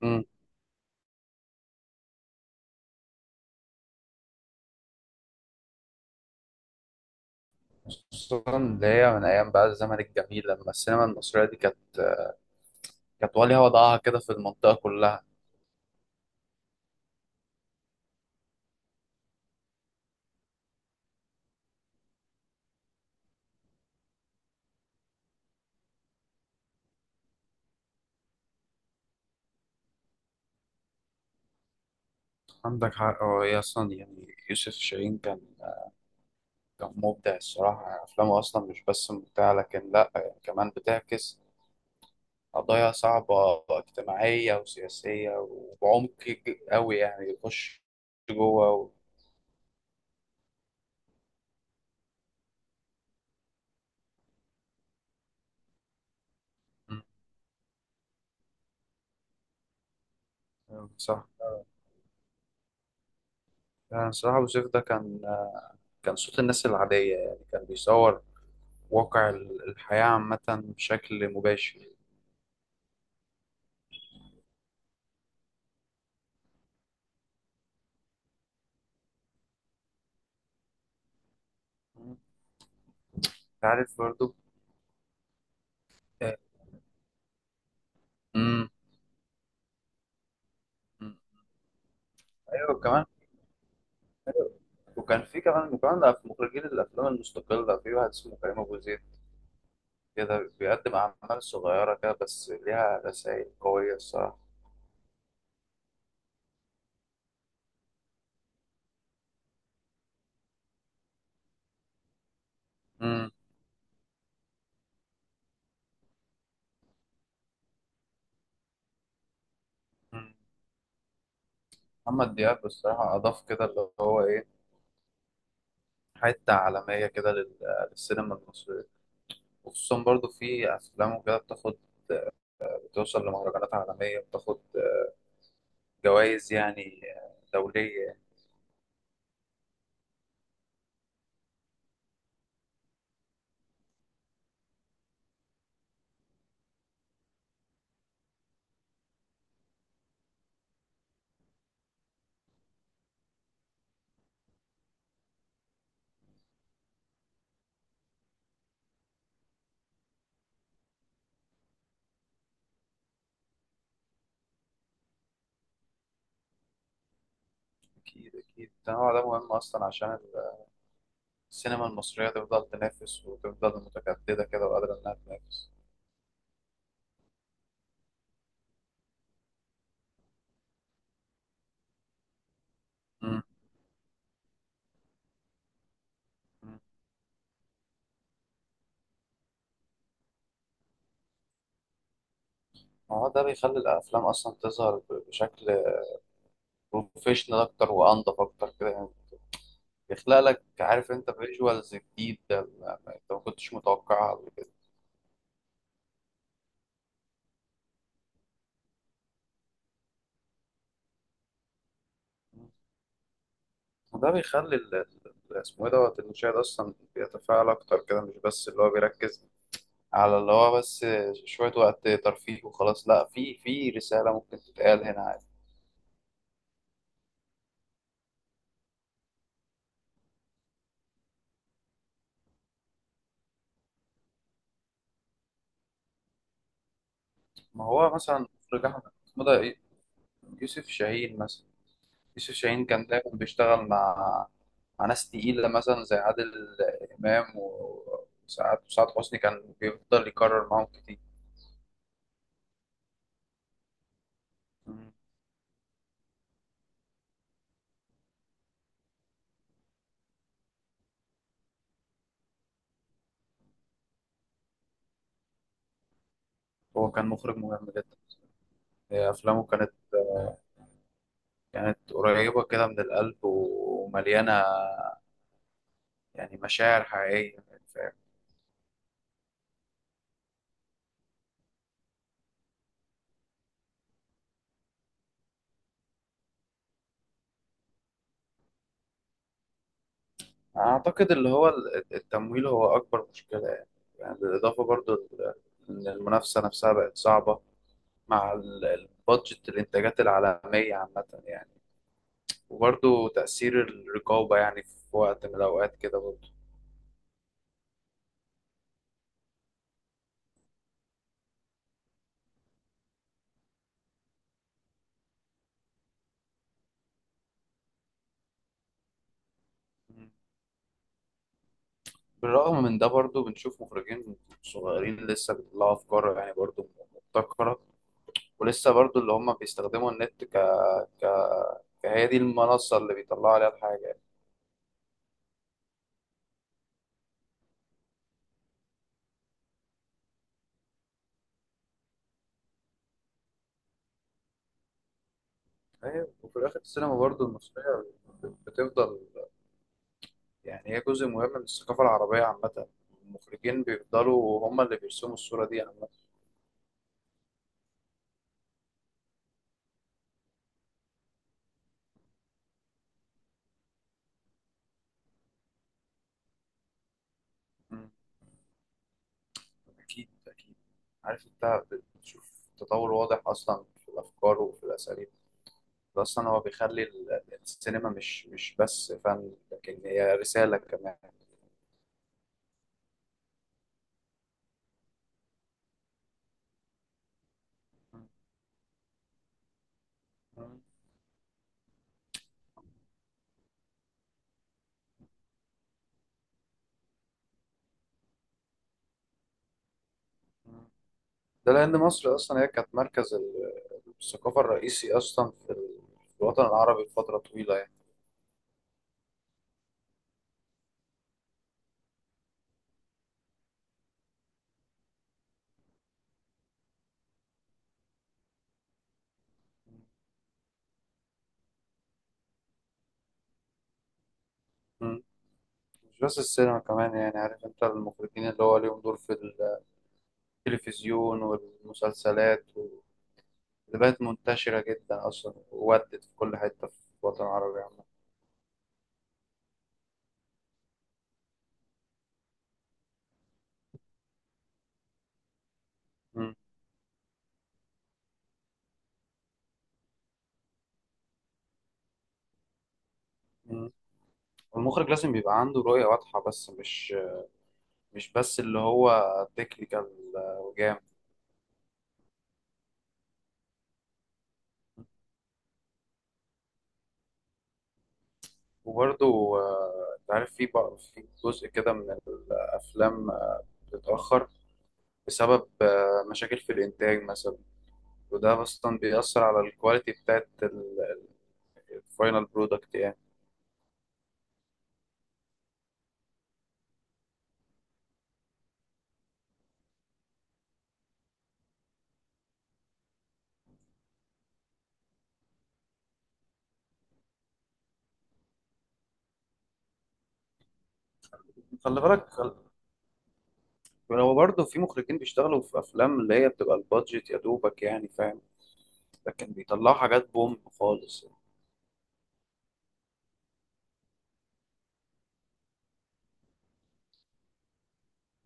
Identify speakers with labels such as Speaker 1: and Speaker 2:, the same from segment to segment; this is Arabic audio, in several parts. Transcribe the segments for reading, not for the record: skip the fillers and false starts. Speaker 1: مم. خصوصا اللي هي من ايام بقى الزمن الجميل لما السينما المصريه دي كانت وليها وضعها كده في المنطقه كلها. عندك حق، هو هي اصلا يعني يوسف شاهين كان مبدع الصراحه، يعني افلامه اصلا مش بس ممتعه لكن لا يعني كمان بتعكس قضايا صعبه اجتماعيه وسياسيه وبعمق قوي يعني يخش جوه مم. صح. يعني الصراحه أبو سيف ده كان، كان صوت الناس العاديه، يعني كان بيصور واقع الحياة عامة بشكل مباشر. مم. انت عارف برضو. آه، امم أمم. ايوه كمان. وكان في كمان وكمان ده في مخرجين الافلام المستقله في واحد اسمه كريم ابو زيد، كده بيقدم اعمال صغيره كده بس ليها رسائل قويه الصراحه. امم أمم. محمد دياب الصراحه اضاف كده اللي هو ايه، حته عالميه كده للسينما المصريه. وخصوصا برضو في افلامه كده بتاخد، بتوصل لمهرجانات عالميه، بتاخد جوائز يعني دوليه. أكيد أكيد، التنوع ده مهم أصلا عشان السينما المصرية تفضل تنافس وتفضل متجددة كده وقادرة إنها تنافس. مم. مم. ما هو ده بيخلي الأفلام أصلا تظهر بشكل بروفيشنال أكتر وأنضف أكتر كده يعني. بيخلق لك، عارف أنت، فيجوالز جديد أنت ما كنتش متوقعها قبل كده. مم. وده بيخلي اسمه إيه دوت المشاهد أصلا بيتفاعل أكتر كده، مش بس اللي هو بيركز على اللي هو بس شوية وقت ترفيه وخلاص، لا، في في رسالة ممكن تتقال هنا. ما هو مثلا مخرج أحمد مدى إيه؟ يوسف شاهين مثلا. يوسف شاهين كان دايما بيشتغل مع مع ناس تقيلة مثلا زي عادل إمام وسعاد، وسعاد حسني، كان بيفضل يكرر معاهم كتير. مم. هو كان مخرج مهم جدا. هي أفلامه كانت، كانت قريبة كده من القلب ومليانة يعني مشاعر حقيقية. فاهم. أعتقد اللي هو التمويل هو أكبر مشكلة يعني. يعني بالإضافة برضو إن المنافسة نفسها بقت صعبة مع البادجت الإنتاجات العالمية عامة يعني. وبرضه تأثير الرقابة يعني في وقت من الأوقات كده برضه. بالرغم من ده برضه بنشوف مخرجين صغيرين لسه بيطلعوا أفكار يعني برضه مبتكرة. ولسه برضه اللي هم بيستخدموا فهي دي المنصة اللي بيطلعوا عليها الحاجة يعني. فاهم؟ وفي الآخر السينما برضه المصرية بتفضل، يعني هي جزء مهم من الثقافة العربية عامة. المخرجين بيفضلوا هم اللي بيرسموا الصورة دي عامة. أكيد أكيد. عارف أنت، بتشوف تطور واضح أصلا في الأفكار وفي الأساليب. ده أصلا هو بيخلي السينما مش بس فن لكن هي رسالة كمان. ده لأن مصر أصلا هي كانت مركز الثقافة الرئيسي أصلا في الوطن العربي فترة طويلة يعني. مم. مش بس السينما كمان، يعني عارف أنت المخرجين اللي هو ليهم دور في التلفزيون والمسلسلات اللي بقت منتشرة جدا أصلا وودت في كل حتة في الوطن العربي عامة. مم. مم. المخرج لازم يبقى عنده رؤية واضحة، بس مش، مش بس اللي هو تكنيكال وجامد. وبرضه أنت عارف في بقى في جزء كده من الأفلام بتتأخر بسبب مشاكل في الإنتاج مثلا. وده أصلا بيأثر على الكواليتي بتاعت الفاينل برودكت يعني. خلي بالك خل- هو برضه في مخرجين بيشتغلوا في أفلام اللي هي بتبقى البادجت يا دوبك يعني، فاهم، لكن بيطلعوا حاجات بوم خالص.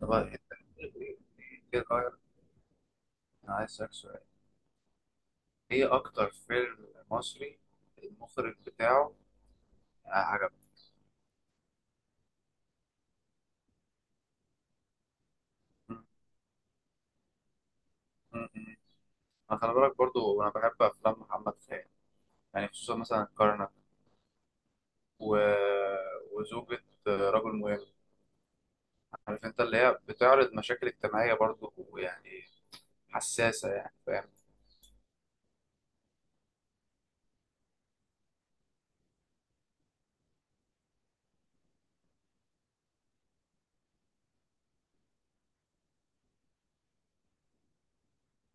Speaker 1: طب انت ايه رايك؟ انا عايز اسالك سؤال: ايه اكتر فيلم مصري المخرج بتاعه عجبك؟ م- م- م. انا خلي بالك برضو انا بحب افلام محمد خان، يعني خصوصا مثلا الكرنك و... وزوجة رجل مهم. عارف انت اللي هي بتعرض مشاكل اجتماعية برضو، يعني حساسة يعني. فاهم.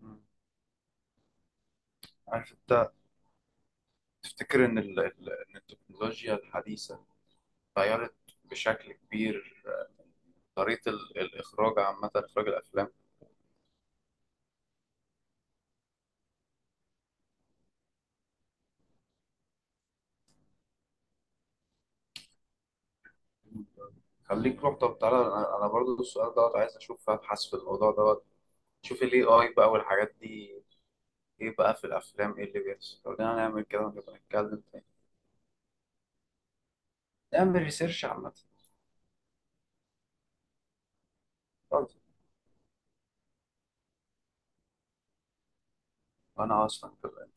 Speaker 1: م. عارف انت، تفتكر ان إن التكنولوجيا الحديثة غيرت بشكل كبير طريقة الإخراج عامة، إخراج الأفلام؟ خليك، روح، طب تعالى، أنا برضو السؤال دوت عايز أشوف أبحث في الموضوع دوت. شوف ال AI بقى والحاجات دي إيه بقى في الأفلام، إيه اللي بيحصل؟ لو جينا نعمل كده ونبقى نتكلم تاني، نعمل ريسيرش عامة. طيب، أنا أصلا كده